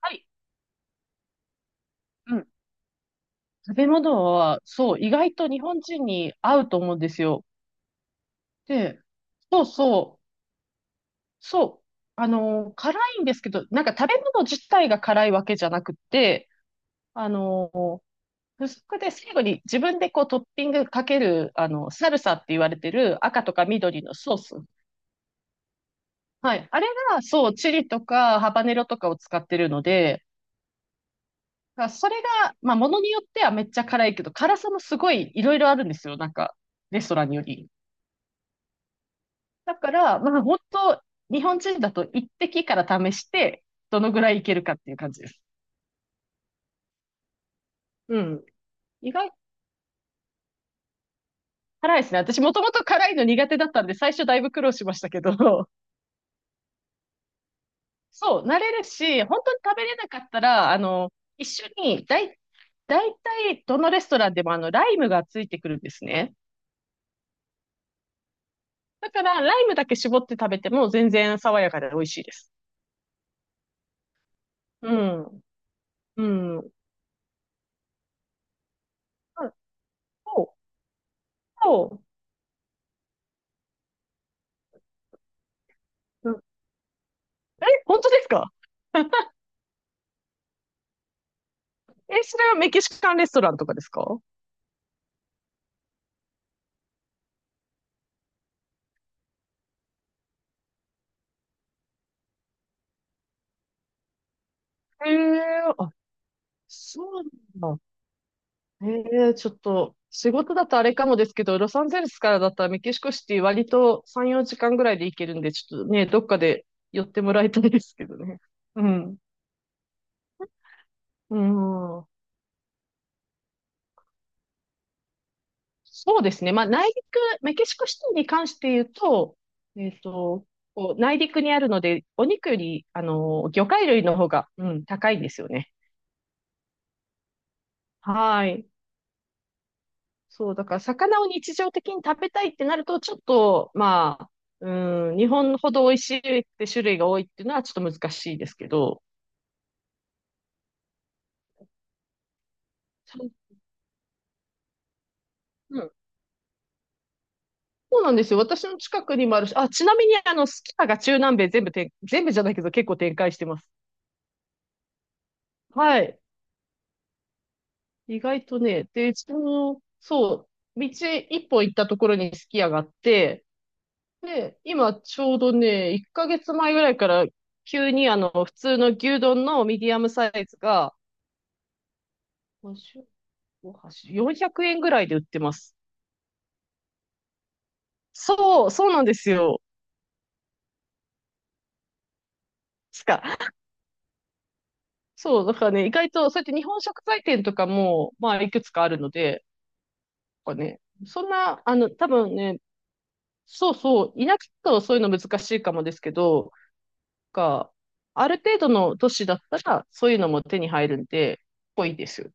はい。うん。食べ物は、そう、意外と日本人に合うと思うんですよ。で、そうそう、そう。あの辛いんですけど、なんか食べ物自体が辛いわけじゃなくて、あの付属で最後に自分でこうトッピングかける、サルサって言われてる赤とか緑のソース。はい。あれが、そう、チリとかハバネロとかを使ってるので、だからそれが、まあ、ものによってはめっちゃ辛いけど、辛さもすごいいろいろあるんですよ。なんか、レストランにより。だから、まあ本当、日本人だと一滴から試して、どのぐらいいけるかっていう感じです。うん。意外、辛いですね。私もともと辛いの苦手だったんで、最初だいぶ苦労しましたけど、そう、慣れるし、本当に食べれなかったら、一緒に、だい、だいたいどのレストランでもライムがついてくるんですね。だから、ライムだけ絞って食べても全然爽やかで美味しいです。うん。うん。うん、そう、そう。うん、え、本当ですか？え、それはメキシカンレストランとかですか？へえ、あ、そうなんだ。へえ、ちょっと、仕事だとあれかもですけど、ロサンゼルスからだったらメキシコシティ割と3、4時間ぐらいで行けるんで、ちょっとね、どっかで寄ってもらいたいですけどね。うん。うん。そうですね。まあ、内陸、メキシコシティに関して言うと、えっと、こう内陸にあるので、お肉より、あの、魚介類の方が、うん、高いんですよね。はい。そう、だから魚を日常的に食べたいってなると、ちょっと、まあ、うん、日本ほど美味しいって種類が多いっていうのはちょっと難しいですけど、そう、うん、そうなんですよ。私の近くにもあるし、あ、ちなみに、あの、スキヤが中南米全部じゃないけど結構展開してます。はい。意外とね、で、道一本行ったところにすき家があって、で、今ちょうどね、1ヶ月前ぐらいから急にあの、普通の牛丼のミディアムサイズが、400円ぐらいで売ってます。そうなんですよ。しか。そう、だからね、意外と、そうやって日本食材店とかも、まあ、いくつかあるので、なんかね、そんな、あの、多分ね、そうそう、田舎だとそういうの難しいかもですけど、か、ある程度の都市だったら、そういうのも手に入るんで、ぽいですよ。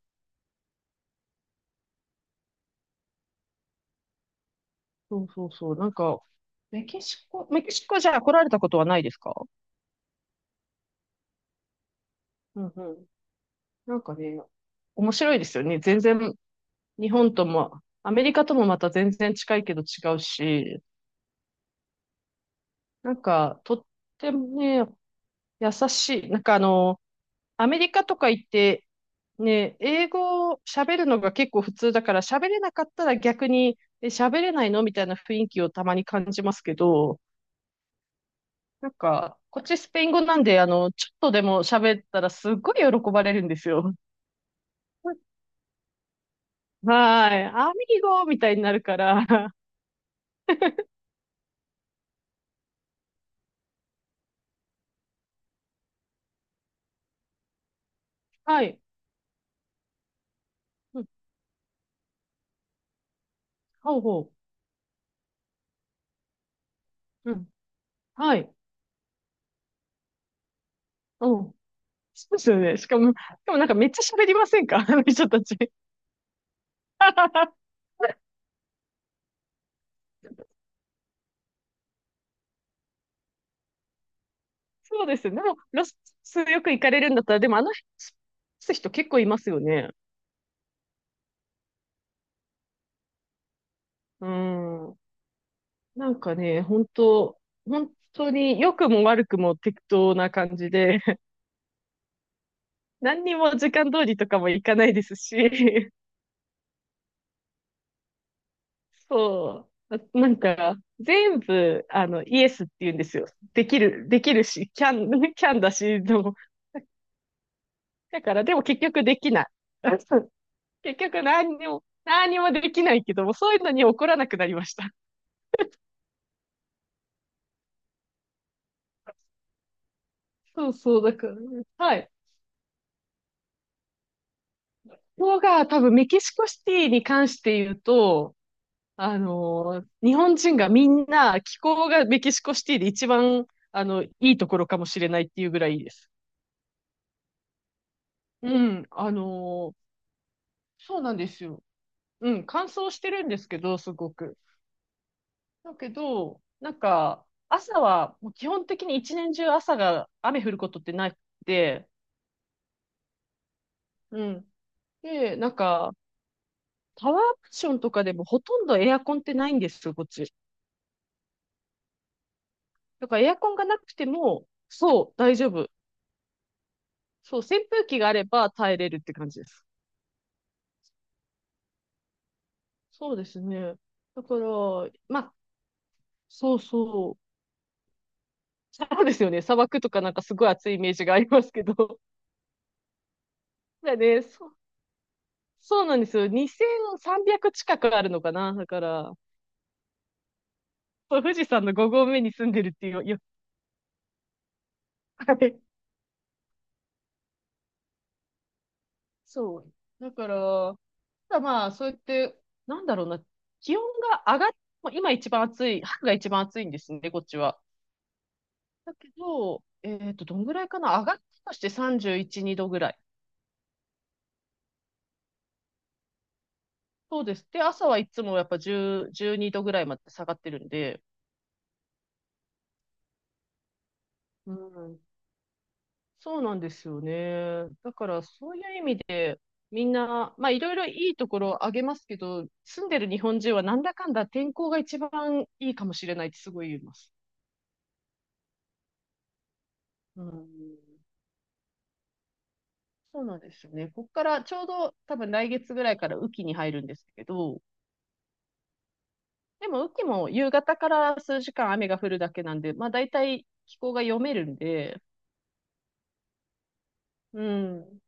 そうそうそう。なんか、メキシコじゃあ来られたことはないですか？うんうん。なんかね、面白いですよね。全然、日本とも、アメリカともまた全然近いけど違うし、なんか、とってもね、優しい。なんかあの、アメリカとか行って、ね、英語を喋るのが結構普通だから、喋れなかったら逆に、え、喋れないのみたいな雰囲気をたまに感じますけど、なんか、こっちスペイン語なんで、あの、ちょっとでも喋ったらすっごい喜ばれるんですよ。はい。アミーゴみたいになるから、はい。うん、ほうほう。うん。はい。うん。そうですよね。しかも、しかもなんかめっちゃ喋りませんか？ あの人たち。そうです。でも、ロスよく行かれるんだったら、でもあの辺ロス人結構いますよね。うん。なんかね、本当本当に良くも悪くも適当な感じで、何にも時間通りとかも行かないですし、そう。あなんか、全部、あの、イエスって言うんですよ。できるし、キャン、キャンだし、でも、だから、でも結局できない。結局何にもできないけども、そういうのに怒らなくなりました。そうそう、だからね、はい。こが多分メキシコシティに関して言うと、あのー日本人がみんな気候がメキシコシティで一番、あの、いいところかもしれないっていうぐらいいいです。うん、あのーそうなんですよ。うん、乾燥してるんですけど、すごく。だけど、なんか、朝はもう基本的に一年中朝が雨降ることってなくて、うん。で、なんか、タワーアプションとかでもほとんどエアコンってないんですよ、こっち。だからエアコンがなくても、そう、大丈夫。そう、扇風機があれば耐えれるって感じです。そうですね。だから、まあ、そうそう。そうですよね。砂漠とかなんかすごい暑いイメージがありますけど。そう、そうなんですよ。2300近くあるのかな。だから、そう富士山の5合目に住んでるっていう、はい。そう。だから、ただまあ、そうやって、なんだろうな、気温が上がっ、まあ今一番暑い、春が一番暑いんですね、こっちは。だけど、どんぐらいかな上がったとして31、2度ぐらい。そうです。で、朝はいつもやっぱ10、12度ぐらいまで下がってるんで、うん。そうなんですよね。だからそういう意味で、みんな、まあいろいろいいところをあげますけど、住んでる日本人はなんだかんだ天候が一番いいかもしれないってすごい言います。うん。そうなんですよね。ここからちょうど多分来月ぐらいから雨季に入るんですけど、でも、雨季も夕方から数時間雨が降るだけなんで、まあ大体気候が読めるんで、うん、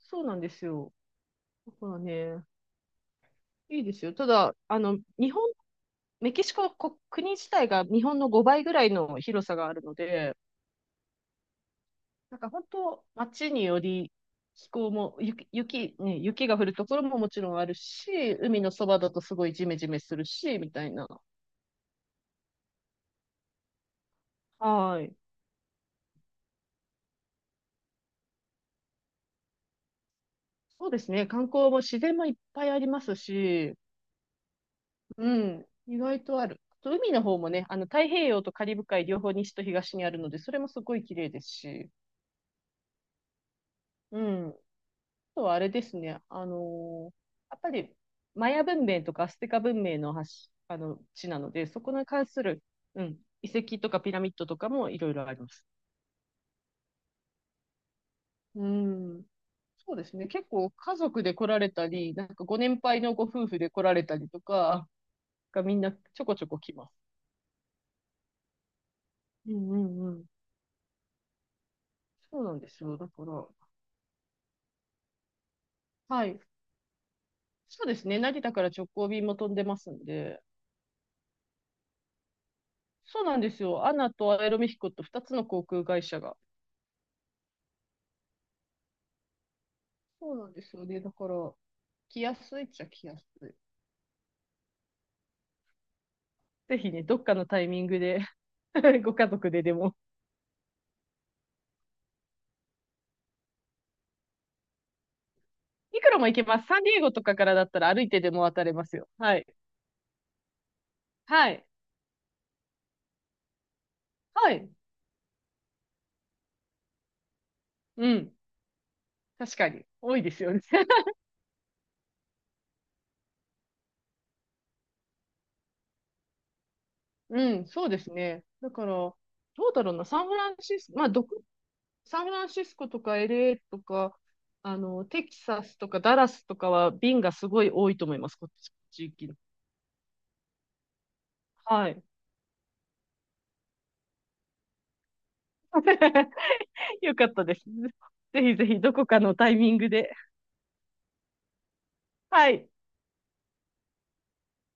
そうなんですよ。だからね、いいですよ。ただ、あの、メキシコ国、国自体が日本の5倍ぐらいの広さがあるので、なんか本当、街により気候も、雪が降るところももちろんあるし、海のそばだとすごいジメジメするし、みたいな。はい。そうですね。観光も自然もいっぱいありますし、うん。意外とある。あと海の方もね、あの、太平洋とカリブ海両方西と東にあるので、それもすごい綺麗ですし。うん。あとはあれですね。あのーやっぱり、マヤ文明とかアステカ文明のあの、地なので、そこに関する、うん、遺跡とかピラミッドとかもいろいろあります。うん。そうですね。結構家族で来られたり、なんかご年配のご夫婦で来られたりとか、がみんなちょこちょこ来ます。うんうんうん。そうなんですよ。だから、はい。そうですね。成田から直行便も飛んでますんで。そうなんですよ。アナとアエロミヒコと2つの航空会社が。そうなんですよね。だから、来やすいっちゃ来やすい。ぜひね、どっかのタイミングで ご家族ででも。いくらも行けます。サンディエゴとかからだったら歩いてでも渡れますよ。はい。はい。はい。うん。確かに。多いですよね。うん、そうですね。だから、どうだろうな、サンフランシスコとか LA とか、あの、テキサスとかダラスとかは便がすごい多いと思います、こっち、地域の。はい。よかったです。ぜひぜひどこかのタイミングで。はい。